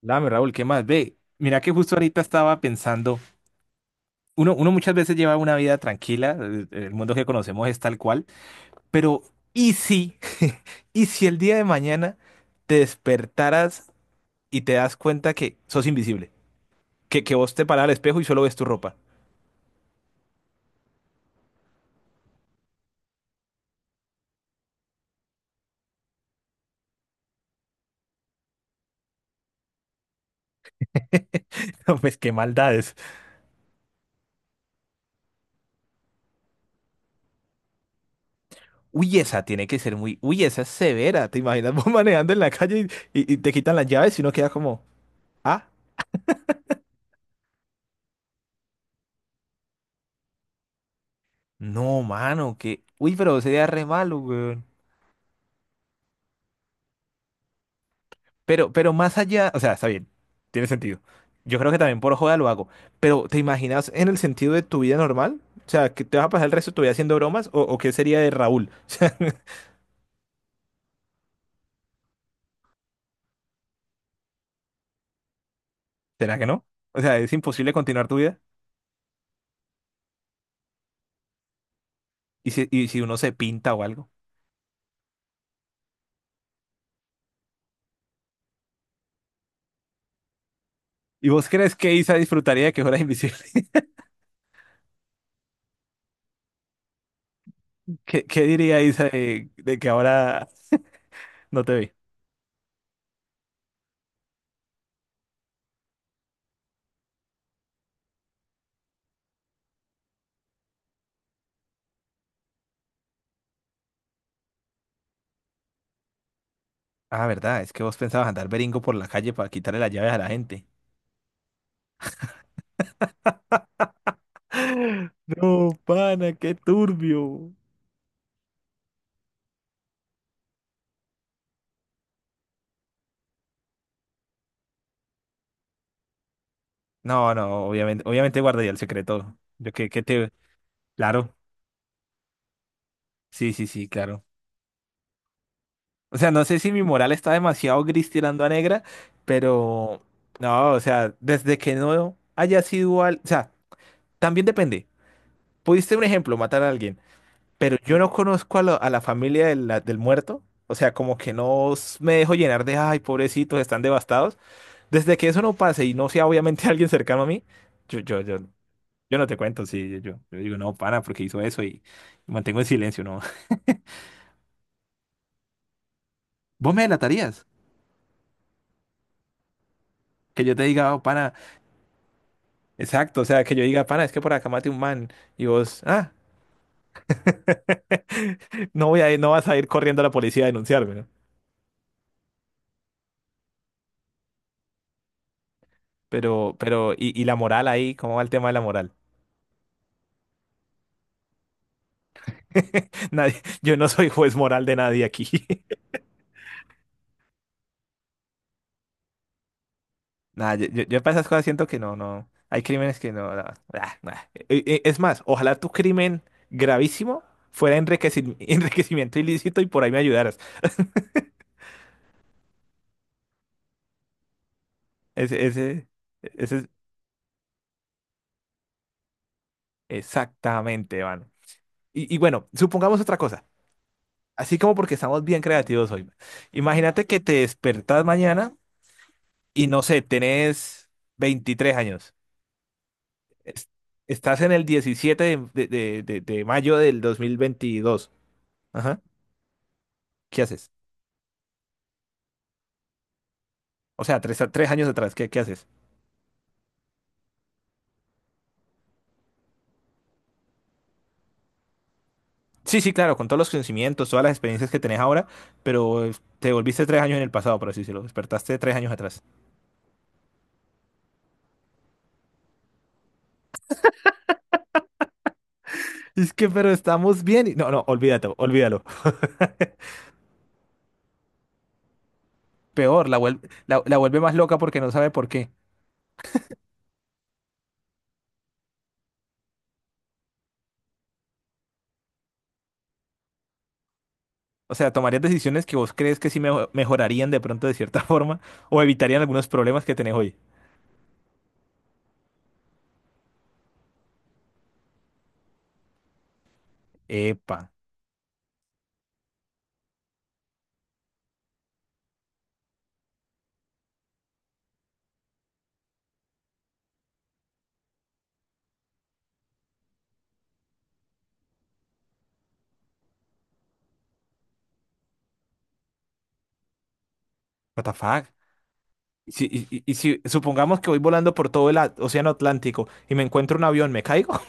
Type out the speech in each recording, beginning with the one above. Dame, Raúl, ¿qué más? Ve, mira que justo ahorita estaba pensando, uno muchas veces lleva una vida tranquila, el mundo que conocemos es tal cual, pero ¿y si, ¿y si el día de mañana te despertaras y te das cuenta que sos invisible, que vos te paras al espejo y solo ves tu ropa? No, pues qué maldades. Uy, esa tiene que ser muy, uy, esa es severa. ¿Te imaginas vos manejando en la calle y te quitan las llaves y uno queda como, ah, no, mano, que, uy, pero sería re malo, güey. Pero más allá, o sea, está bien, tiene sentido. Yo creo que también por joda lo hago. Pero, ¿te imaginas en el sentido de tu vida normal? O sea, ¿que te vas a pasar el resto de tu vida haciendo bromas? O qué sería de Raúl? O sea, ¿será que no? O sea, ¿es imposible continuar tu vida? Y si uno se pinta o algo? ¿Y vos crees que Isa disfrutaría de que fueras invisible? ¿Qué, qué diría Isa de que ahora no te ve? Ah, verdad, es que vos pensabas andar beringo por la calle para quitarle las llaves a la gente. No, pana, qué turbio. No, no, obviamente, obviamente guardaría el secreto. Yo que te. Claro, sí, sí, sí, claro. O sea, no sé si mi moral está demasiado gris tirando a negra, pero no, o sea, desde que no haya sido al. O sea, también depende. Pudiste, un ejemplo, matar a alguien, pero yo no conozco a, a la familia del muerto. O sea, como que no s- me dejo llenar de, ay, pobrecitos, están devastados. Desde que eso no pase y no sea obviamente alguien cercano a mí, yo. Yo no te cuento, sí, yo digo, no, pana, porque hizo eso y mantengo el silencio, ¿no? Vos me delatarías, que yo te diga, oh, pana, exacto, o sea, que yo diga, pana, es que por acá maté un man y vos, ah, no voy a ir, no vas a ir corriendo a la policía a denunciarme, ¿no? Pero, y la moral ahí, ¿cómo va el tema de la moral? Nadie, yo no soy juez moral de nadie aquí. Nah, yo para esas cosas siento que no, no. Hay crímenes que no. No, ah, nah. Es más, ojalá tu crimen gravísimo fuera enriquecimiento ilícito y por ahí me ayudaras. Ese, ese, ese es exactamente, mano. Y bueno, supongamos otra cosa. Así como porque estamos bien creativos hoy. Imagínate que te despertás mañana y no sé, tenés 23 años. Es- Estás en el 17 de, de mayo del 2022. Ajá. ¿Qué haces? O sea, tres años atrás, ¿qué, qué haces? Sí, sí, claro, con todos los conocimientos, todas las experiencias que tenés ahora, pero te volviste 3 años en el pasado, por así decirlo. Despertaste tres años atrás. Es que, pero estamos bien. Y- No, no, olvídate, olvídalo. Peor, la vuelve más loca porque no sabe por qué. O sea, tomarías decisiones que vos crees que sí mejorarían de pronto de cierta forma o evitarían algunos problemas que tenés hoy. Epa, what the fuck? Y si, y si supongamos que voy volando por todo el océano Atlántico y me encuentro un avión, ¿me caigo?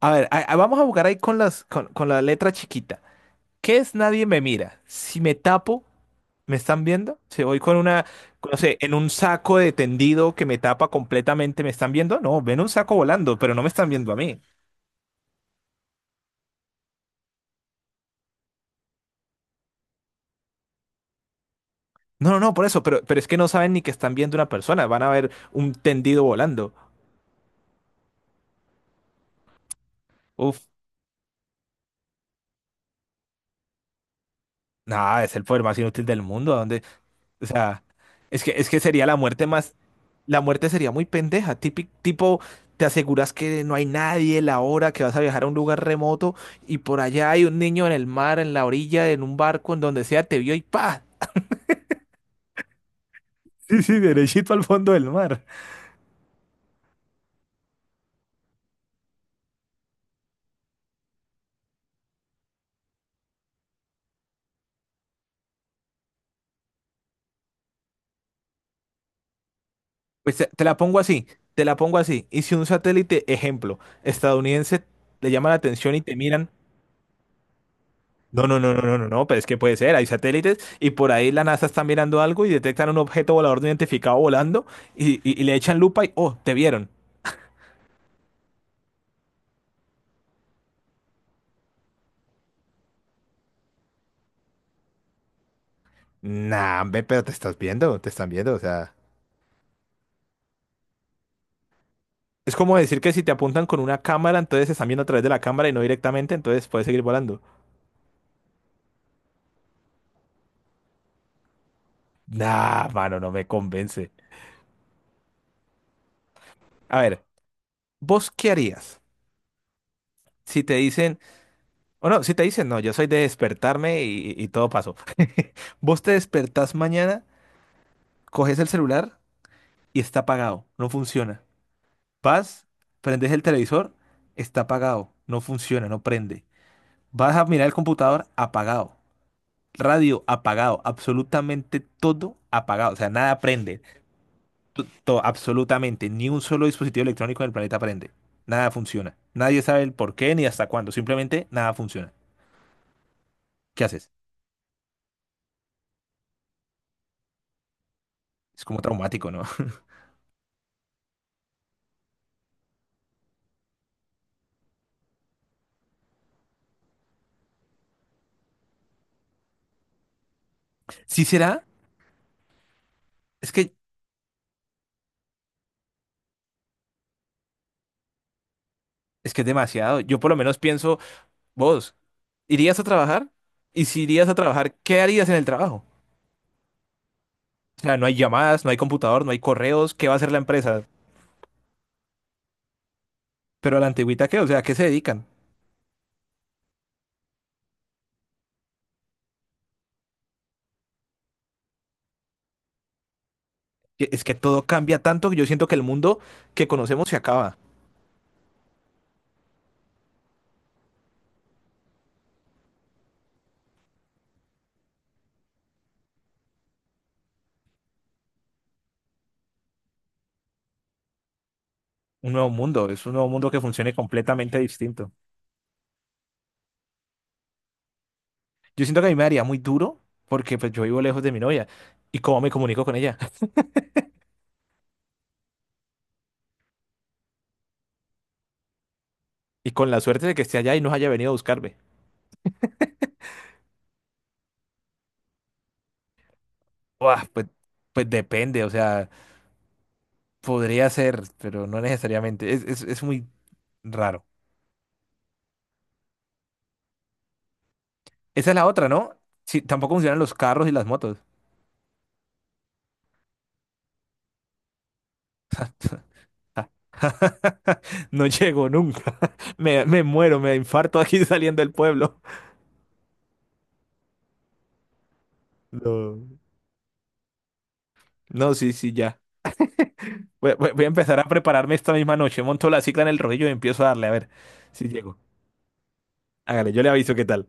A ver, vamos a buscar ahí con las, con la letra chiquita. ¿Qué es nadie me mira? Si me tapo, ¿me están viendo? Si voy con una, no sé, en un saco de tendido que me tapa completamente, ¿me están viendo? No, ven un saco volando, pero no me están viendo a mí. No, no, no, por eso, pero es que no saben ni que están viendo una persona, van a ver un tendido volando. Uf, nada, es el poder más inútil del mundo, ¿a dónde? O sea, es que sería la muerte más. La muerte sería muy pendeja, típico, tipo, te aseguras que no hay nadie, la hora que vas a viajar a un lugar remoto y por allá hay un niño en el mar, en la orilla, en un barco, en donde sea, te vio y ¡pa! Sí, sí, derechito al fondo del mar. Pues te la pongo así, te la pongo así. Y si un satélite, ejemplo, estadounidense, le llama la atención y te miran. No, no, no, no, no, no, no, pero es que puede ser, hay satélites y por ahí la NASA está mirando algo y detectan un objeto volador no identificado volando y le echan lupa y, oh, te vieron. Nah, hombre, pero te estás viendo, te están viendo, o sea. Es como decir que si te apuntan con una cámara, entonces se están viendo a través de la cámara y no directamente, entonces puedes seguir volando. Nah, mano, no me convence. A ver, ¿vos qué harías si te dicen, o no, si te dicen, no, yo soy de despertarme y todo pasó. Vos te despertás mañana, coges el celular y está apagado, no funciona. Vas, prendes el televisor, está apagado, no funciona, no prende. Vas a mirar el computador, apagado. Radio apagado, absolutamente todo apagado, o sea, nada prende, absolutamente, ni un solo dispositivo electrónico en el planeta prende, nada funciona, nadie sabe el por qué ni hasta cuándo, simplemente nada funciona. ¿Qué haces? Es como traumático, ¿no? Sí será, es que es que es demasiado. Yo por lo menos pienso, vos, ¿irías a trabajar? Y si irías a trabajar, ¿qué harías en el trabajo? O sea, no hay llamadas, no hay computador, no hay correos, ¿qué va a hacer la empresa? Pero a la antigüita, ¿qué? O sea, ¿a qué se dedican? Es que todo cambia tanto que yo siento que el mundo que conocemos se acaba. Un nuevo mundo, es un nuevo mundo que funcione completamente distinto. Yo siento que a mí me daría muy duro porque pues yo vivo lejos de mi novia y cómo me comunico con ella y con la suerte de que esté allá y no haya venido a buscarme. Buah, pues, pues depende, o sea, podría ser, pero no necesariamente. Es muy raro. Esa es la otra, ¿no? Sí, tampoco funcionan los carros y las motos. No llego nunca. Me muero, me infarto aquí saliendo del pueblo. No, no, sí, sí, ya. Voy, voy a empezar a prepararme esta misma noche. Monto la cicla en el rodillo y empiezo a darle. A ver si llego. Hágale, yo le aviso qué tal.